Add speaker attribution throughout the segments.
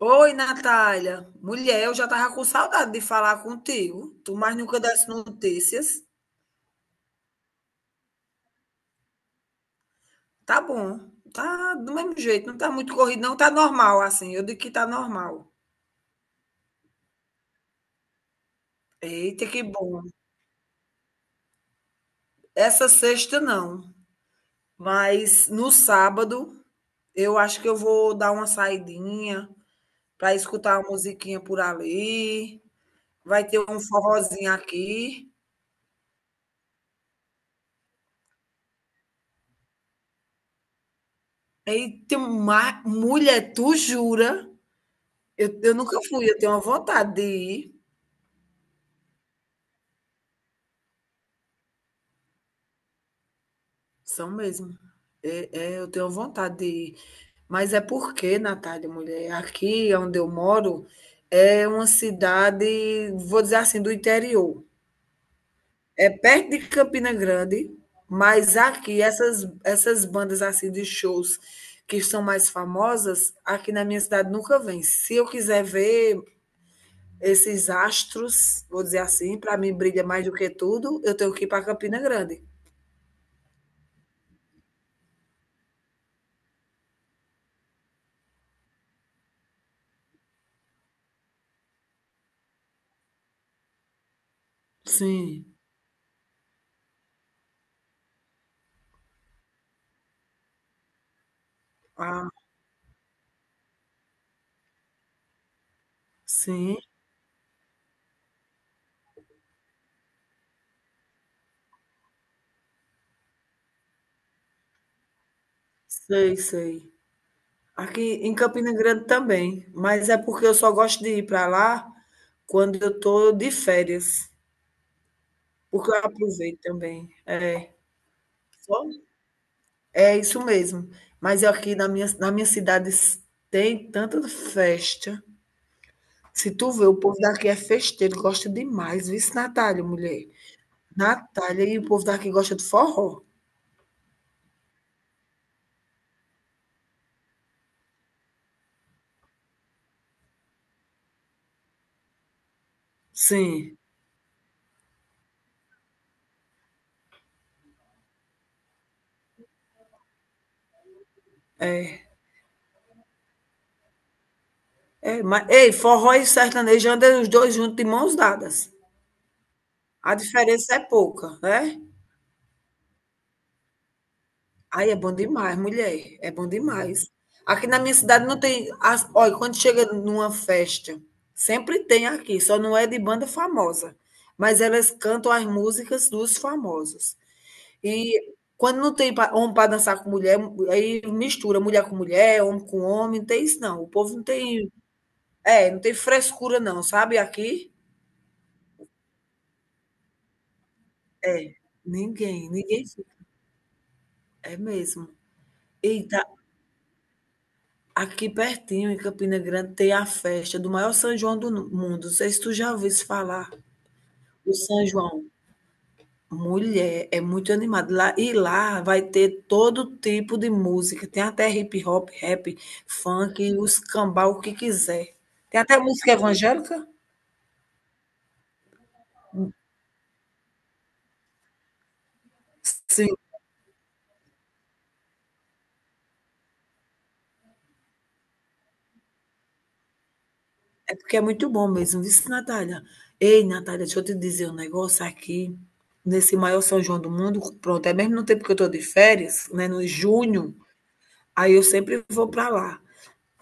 Speaker 1: Oi, Natália. Mulher, eu já tava com saudade de falar contigo. Tu mais nunca desse notícias. Tá bom. Tá do mesmo jeito. Não tá muito corrido, não. Tá normal, assim. Eu digo que tá normal. Eita, que bom. Essa sexta, não. Mas no sábado, eu acho que eu vou dar uma saidinha pra escutar uma musiquinha por ali. Vai ter um forrozinho aqui. Eita, mulher, tu jura? Eu nunca fui, eu tenho uma vontade de ir, são mesmo. Eu tenho vontade de ir. Mas é porque, Natália, mulher, aqui onde eu moro é uma cidade, vou dizer assim, do interior. É perto de Campina Grande, mas aqui essas bandas assim de shows que são mais famosas, aqui na minha cidade nunca vem. Se eu quiser ver esses astros, vou dizer assim, para mim brilha mais do que tudo, eu tenho que ir para Campina Grande. Sim. Ah, sim. Sei, sei. Aqui em Campina Grande também, mas é porque eu só gosto de ir para lá quando eu estou de férias, porque eu aproveito também. É, só é isso mesmo. Mas aqui na minha cidade tem tanta festa. Se tu vê, o povo daqui é festeiro, gosta demais. Viu, Natália, mulher? Natália, e o povo daqui gosta de forró. Sim, é. É, mas, ei, forró e sertanejo andam os dois juntos de mãos dadas. A diferença é pouca, né? Aí é bom demais, mulher. É bom demais. Aqui na minha cidade não tem. Olha, quando chega numa festa, sempre tem aqui, só não é de banda famosa. Mas elas cantam as músicas dos famosos. E quando não tem homem para dançar com mulher, aí mistura mulher com mulher, homem com homem, não tem isso não. O povo não tem. É, não tem frescura não, sabe? Aqui. É, ninguém fica. É mesmo. E tá aqui pertinho, em Campina Grande, tem a festa do maior São João do mundo. Não sei se tu já ouviu isso falar, o São João. Mulher, é muito animado. Lá, e lá vai ter todo tipo de música. Tem até hip hop, rap, funk, os cambau, o que quiser. Tem até música evangélica? Sim. É porque é muito bom mesmo, viu, Natália? Ei, Natália, deixa eu te dizer um negócio aqui. Nesse maior São João do mundo, pronto, é mesmo no tempo que eu estou de férias, né, no junho, aí eu sempre vou para lá.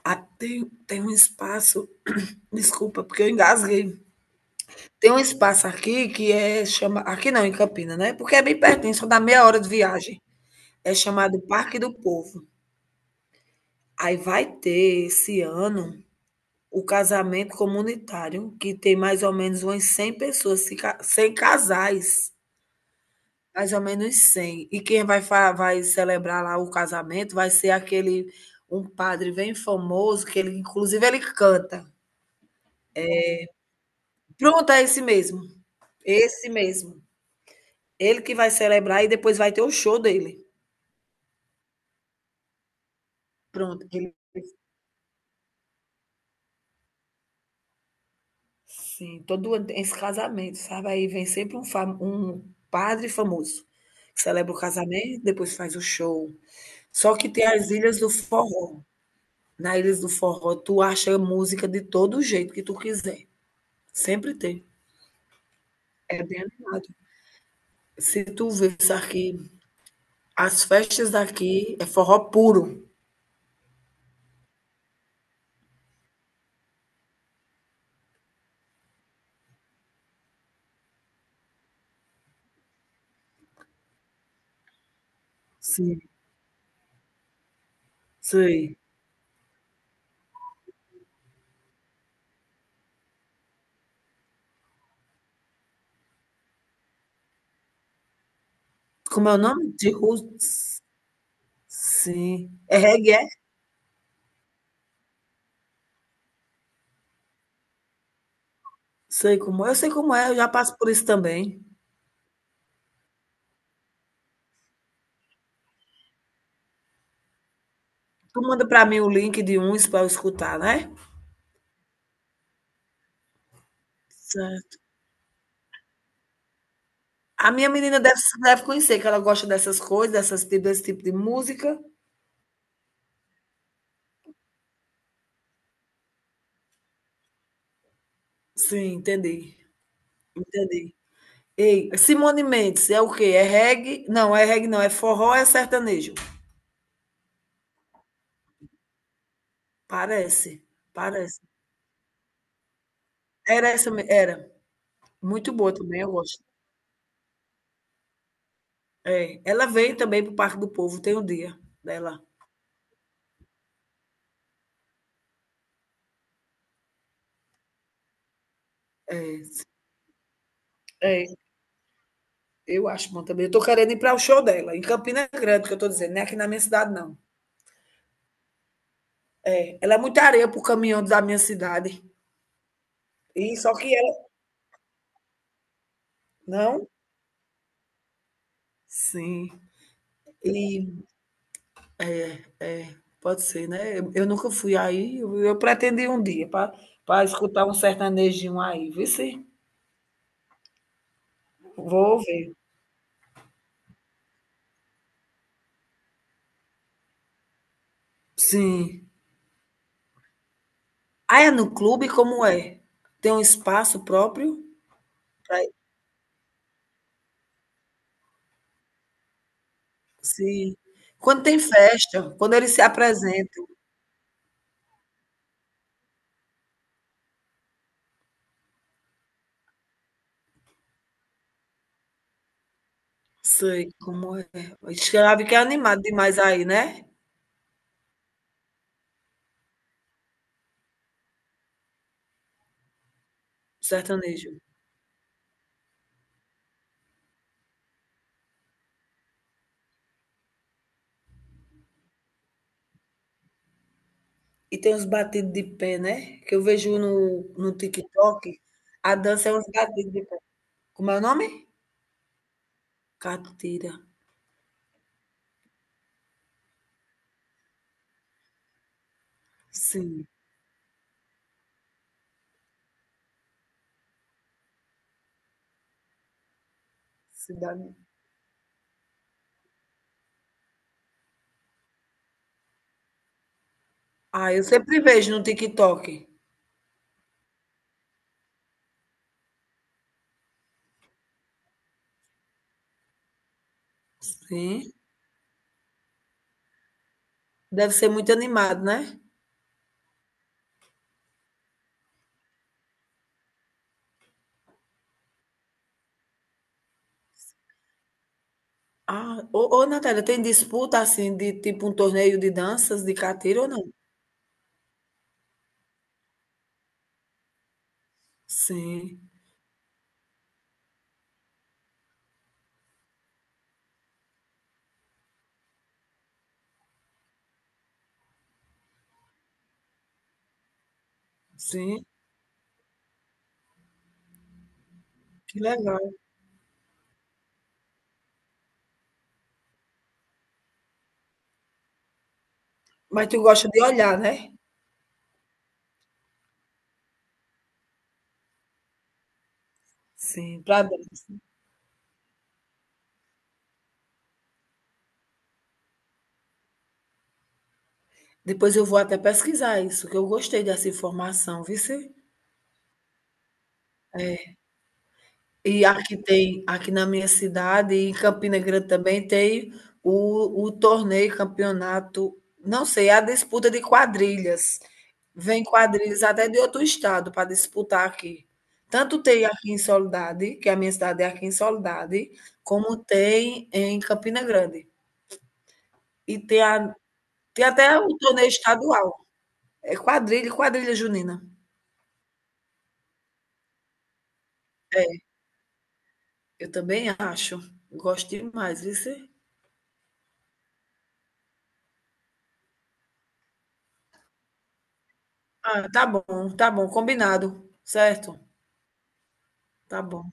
Speaker 1: Ah, tem, tem um espaço, desculpa, porque eu engasguei. Tem um espaço aqui que é chama, aqui não, em Campina, né? Porque é bem pertinho, só dá meia hora de viagem. É chamado Parque do Povo. Aí vai ter esse ano o casamento comunitário, que tem mais ou menos umas 100 pessoas, se ca- 100 casais, mais ou menos cem. E quem vai, vai celebrar lá o casamento vai ser aquele, um padre bem famoso, que ele, inclusive, ele canta. Pronto, é esse mesmo. Esse mesmo. Ele que vai celebrar e depois vai ter o show dele. Pronto. Ele, sim, todo ano tem esse casamento, sabe? Aí vem sempre um, um padre famoso. Celebra o casamento, depois faz o show. Só que tem as ilhas do forró. Na Ilhas do Forró, tu acha música de todo jeito que tu quiser. Sempre tem. É bem animado. Se tu visse aqui, as festas daqui é forró puro. Sim, sei. Como é o nome? De roots. Sim. É reggae, é? Sei como é. Eu sei como é, eu já passo por isso também. Tu manda pra mim o link de uns pra eu escutar, né? Certo. A minha menina deve conhecer, que ela gosta dessas coisas, dessas, desse tipo de música. Sim, entendi. Entendi. Ei, Simone Mendes é o quê? É reggae? Não, é reggae não, é forró, é sertanejo. Parece, parece. Era essa, era. Muito boa também, eu gosto. É, ela veio também para o Parque do Povo, tem um dia dela. É, é, eu acho bom também. Eu tô querendo ir para o show dela, em Campina Grande, que eu tô dizendo, não é aqui na minha cidade, não. É, ela é muita areia pro caminhão da minha cidade. E só que ela. Não? Sim. E é, pode ser, né. Eu nunca fui aí, eu pretendi um dia para pra escutar um sertanejinho aí, vê se vou ver. Sim. Ah, é no clube, como é? Tem um espaço próprio pra sim. Quando tem festa, quando eles se apresentam. Sei como é. Ixi, deve que é animado demais aí, né, sertanejo. E tem uns batidos de pé, né, que eu vejo no TikTok, a dança é uns batidos de pé. Como é o nome? Catira. Sim. Cidade. Ah, eu sempre vejo no TikTok. Sim. Deve ser muito animado, né? Ah, ô, ô Natália, tem disputa assim de tipo um torneio de danças de catira ou não? Sim, sim, que legal. Mas tu gosta de olhar, né? Sim, para dança. Depois eu vou até pesquisar isso, que eu gostei dessa informação, viu? E aqui tem aqui na minha cidade e em Campina Grande também tem o torneio, campeonato, não sei, é a disputa de quadrilhas. Vem quadrilhas até de outro estado para disputar aqui. Tanto tem aqui em Soledade, que a minha cidade é aqui em Soledade, como tem em Campina Grande. E tem a tem até o torneio estadual. É quadrilha, quadrilha junina. É, eu também acho. Gosto demais, viu. Ah, tá bom, combinado, certo? Tá bom.